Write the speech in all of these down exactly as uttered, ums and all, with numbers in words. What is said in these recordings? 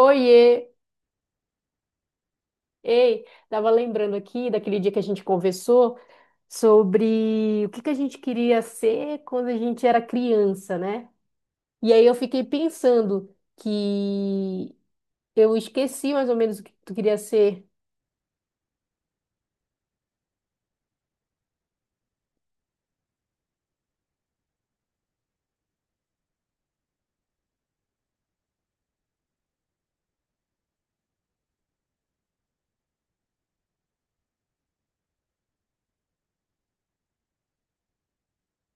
Oiê! Ei, tava lembrando aqui daquele dia que a gente conversou sobre o que que a gente queria ser quando a gente era criança, né? E aí eu fiquei pensando que eu esqueci mais ou menos o que tu queria ser.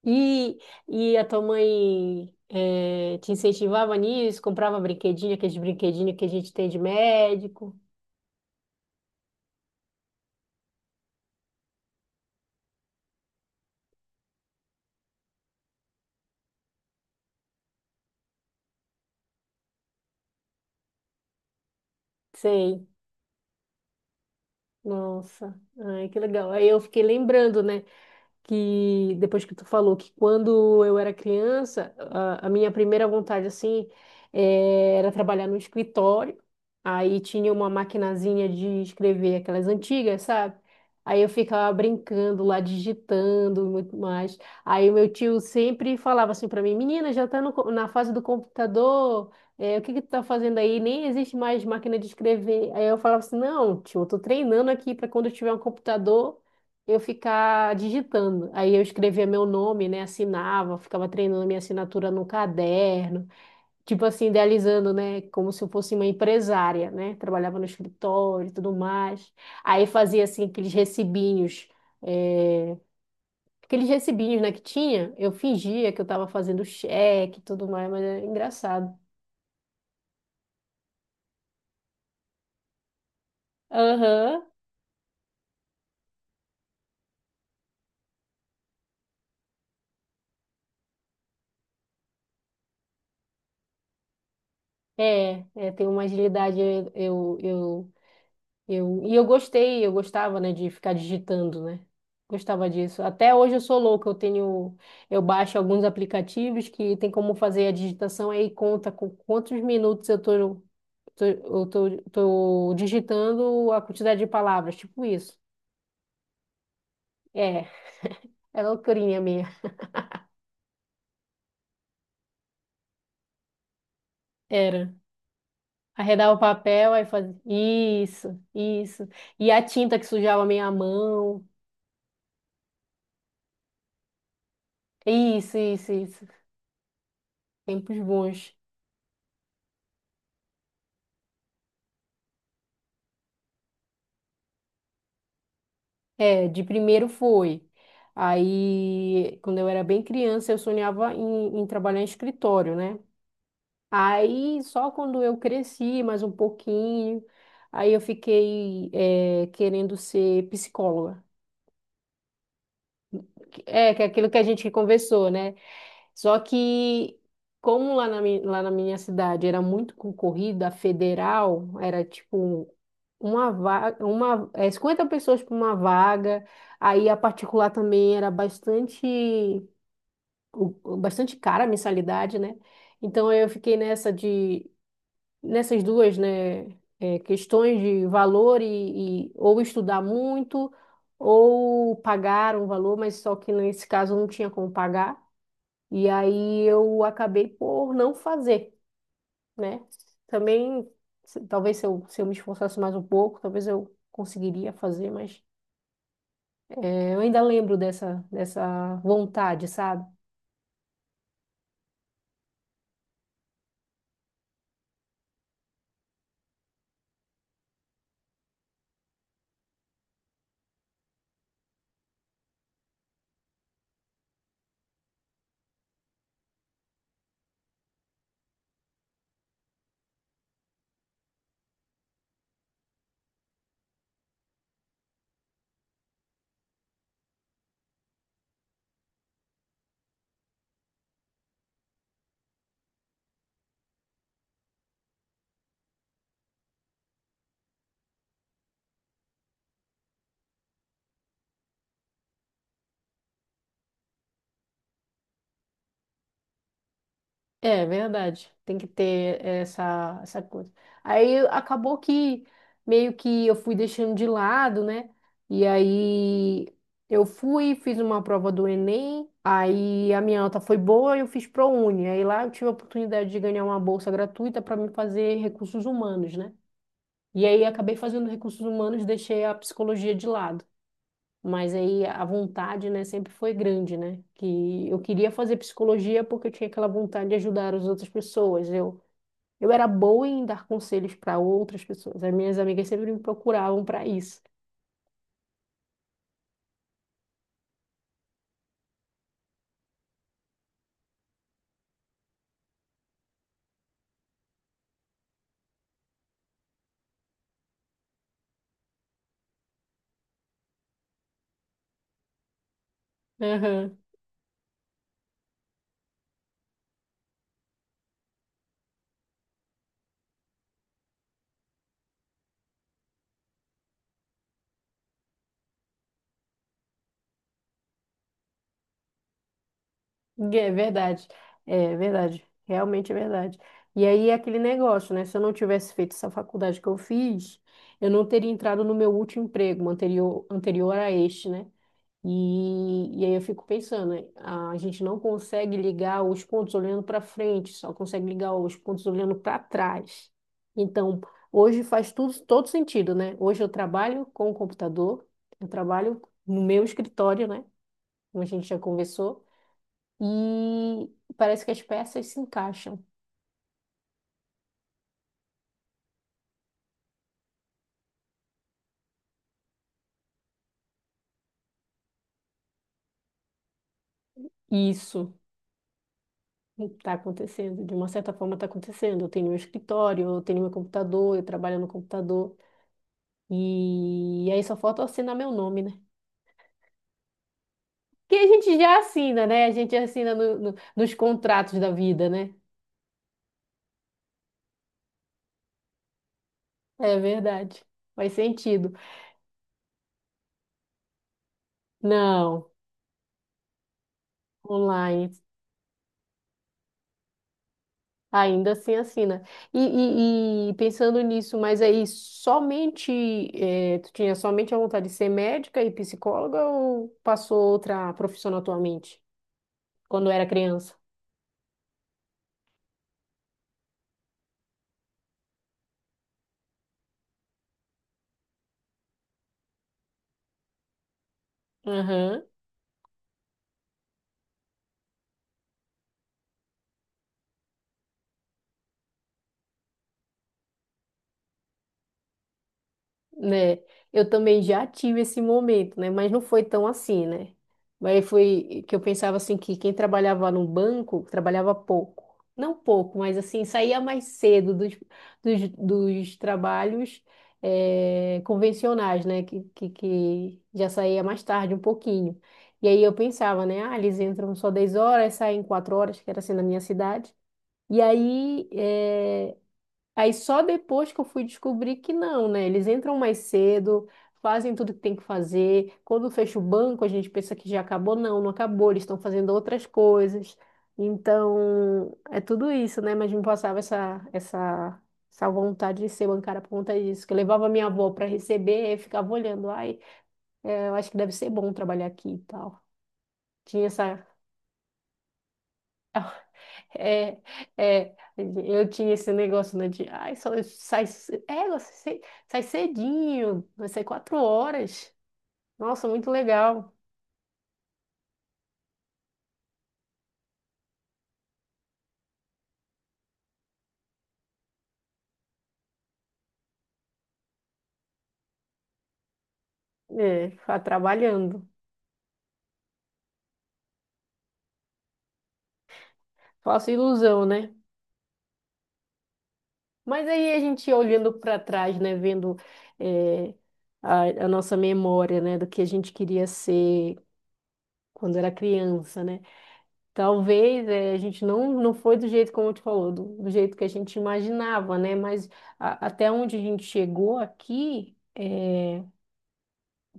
E, e a tua mãe eh, te incentivava nisso, comprava brinquedinho, aqueles brinquedinhos que a gente tem de médico. Sei. Nossa, ai, que legal. Aí eu fiquei lembrando, né? Que depois que tu falou que quando eu era criança, a, a minha primeira vontade assim eh, era trabalhar no escritório. Aí tinha uma maquinazinha de escrever aquelas antigas, sabe? Aí eu ficava brincando lá, digitando e muito mais. Aí o meu tio sempre falava assim para mim, menina, já tá no co- na fase do computador, eh, o que que tu tá fazendo aí? Nem existe mais máquina de escrever. Aí eu falava assim, não, tio, eu tô treinando aqui para quando eu tiver um computador eu ficar digitando. Aí eu escrevia meu nome, né? Assinava, ficava treinando minha assinatura no caderno, tipo assim, idealizando, né? Como se eu fosse uma empresária, né? Trabalhava no escritório e tudo mais. Aí fazia assim aqueles recibinhos, é, aqueles recibinhos, né, que tinha, eu fingia que eu estava fazendo cheque e tudo mais, mas é engraçado. Aham. É, é, tenho uma agilidade, eu, eu, eu Eu, e eu gostei, eu gostava, né, de ficar digitando, né? Gostava disso. Até hoje eu sou louca, eu tenho, eu baixo alguns aplicativos que tem como fazer a digitação aí conta com quantos minutos eu tô, tô- eu tô, tô digitando a quantidade de palavras, tipo isso. É, é loucurinha minha. Era. Arredava o papel, aí fazia isso, isso. E a tinta que sujava a minha mão. Isso, isso, isso. Tempos bons. É, de primeiro foi. Aí, quando eu era bem criança, eu sonhava em, em trabalhar em escritório, né? Aí, só quando eu cresci mais um pouquinho, aí eu fiquei, é, querendo ser psicóloga. É, que é aquilo que a gente conversou, né? Só que, como lá na, mi- lá na minha cidade era muito concorrida, a federal, era tipo uma vaga, uma, é, cinquenta pessoas para uma vaga. Aí a particular também era bastante, o- o- bastante cara a mensalidade, né? Então eu fiquei nessa de, nessas duas, né, é, questões de valor e, e ou estudar muito ou pagar um valor, mas só que nesse caso eu não tinha como pagar. E aí eu acabei por não fazer, né? Também, se- talvez se eu, se eu me esforçasse mais um pouco, talvez eu conseguiria fazer, mas é, eu ainda lembro dessa, dessa vontade, sabe? É verdade, tem que ter essa, essa coisa. Aí acabou que meio que eu fui deixando de lado, né? E aí eu fui, fiz uma prova do Enem, aí a minha nota foi boa e eu fiz ProUni. Aí lá eu tive a oportunidade de ganhar uma bolsa gratuita para me fazer recursos humanos, né? E aí acabei fazendo recursos humanos, deixei a psicologia de lado. Mas aí a vontade, né, sempre foi grande, né? Que eu queria fazer psicologia porque eu tinha aquela vontade de ajudar as outras pessoas. Eu, eu era boa em dar conselhos para outras pessoas. As minhas amigas sempre me procuravam para isso. Aham. É verdade. É verdade. Realmente é verdade. E aí é aquele negócio, né? Se eu não tivesse feito essa faculdade que eu fiz, eu não teria entrado no meu último emprego, anterior, anterior a este, né? E, e aí eu fico pensando, né, a gente não consegue ligar os pontos olhando para frente, só consegue ligar os pontos olhando para trás. Então, hoje faz tudo, todo sentido, né? Hoje eu trabalho com o computador, eu trabalho no meu escritório, né? Como a gente já conversou, e parece que as peças se encaixam. Isso está acontecendo, de uma certa forma está acontecendo. Eu tenho meu escritório, eu tenho meu computador, eu trabalho no computador, e aí só falta eu assinar meu nome, né? Que a gente já assina, né? A gente assina no- no- nos contratos da vida, né? É verdade. Faz sentido. Não, online. Ainda assim assina. E, e- e pensando nisso, mas aí somente, eh, tu tinha somente a vontade de ser médica e psicóloga ou passou outra profissão atualmente, quando era criança? Aham. Né? Eu também já tive esse momento, né? Mas não foi tão assim, né? Mas foi que eu pensava assim que quem trabalhava no banco trabalhava pouco. Não pouco, mas assim, saía mais cedo dos, dos, dos trabalhos eh, convencionais, né? Que, que, que já saía mais tarde um pouquinho. E aí eu pensava, né? Ah, eles entram só dez horas, saem quatro horas, que era assim na minha cidade. E aí, eh, aí só depois que eu fui descobrir que não, né? Eles entram mais cedo, fazem tudo que tem que fazer. Quando fecha o banco, a gente pensa que já acabou. Não, não acabou, eles estão fazendo outras coisas. Então, é tudo isso, né? Mas me passava essa, essa, essa vontade de ser bancária por conta disso. Que eu levava minha avó para receber e ficava olhando. Ai, é, eu acho que deve ser bom trabalhar aqui e tal. Tinha essa. É, é, eu tinha esse negócio, né, de, ai, só sai, ce- é, você sai, sai cedinho, vai sair quatro horas. Nossa, muito legal. É, tá trabalhando. Falsa ilusão, né? Mas aí a gente olhando para trás, né, vendo é, a, a nossa memória, né, do que a gente queria ser quando era criança, né? Talvez eh, a gente não, não foi do jeito como tu falou, do, do jeito que a gente imaginava, né? Mas a- até onde a gente chegou aqui, eh,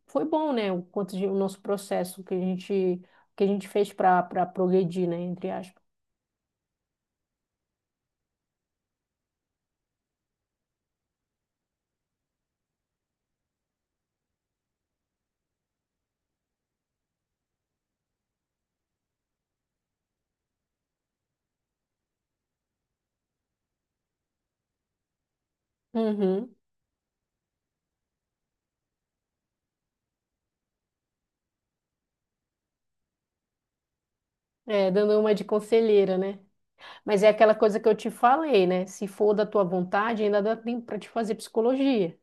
foi bom, né? O quanto de, o nosso processo que a gente, que a gente fez para para progredir, né? Entre aspas. Uhum. É, dando uma de conselheira, né? Mas é aquela coisa que eu te falei, né? Se for da tua vontade, ainda dá tempo para te fazer psicologia.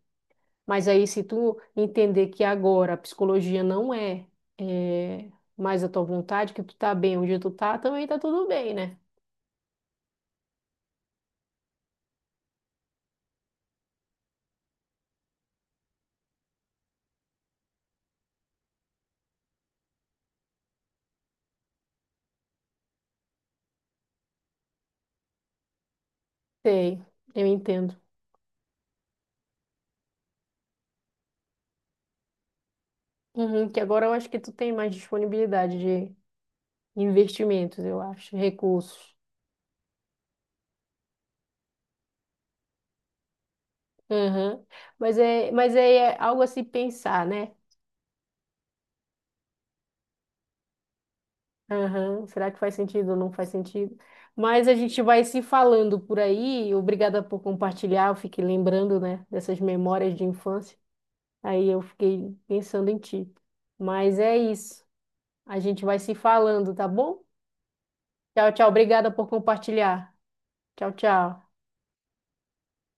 Mas aí, se tu entender que agora a psicologia não é, é, mais a tua vontade, que tu tá bem onde tu tá, também tá tudo bem, né? Sei, eu entendo. Uhum, que agora eu acho que tu tem mais disponibilidade de investimentos, eu acho, recursos. Uhum. Mas é, mas é algo a se pensar, né? Aham, será que faz sentido ou não faz sentido? Mas a gente vai se falando por aí. Obrigada por compartilhar. Eu fiquei lembrando, né, dessas memórias de infância. Aí eu fiquei pensando em ti. Mas é isso. A gente vai se falando, tá bom? Tchau, tchau. Obrigada por compartilhar. Tchau, tchau.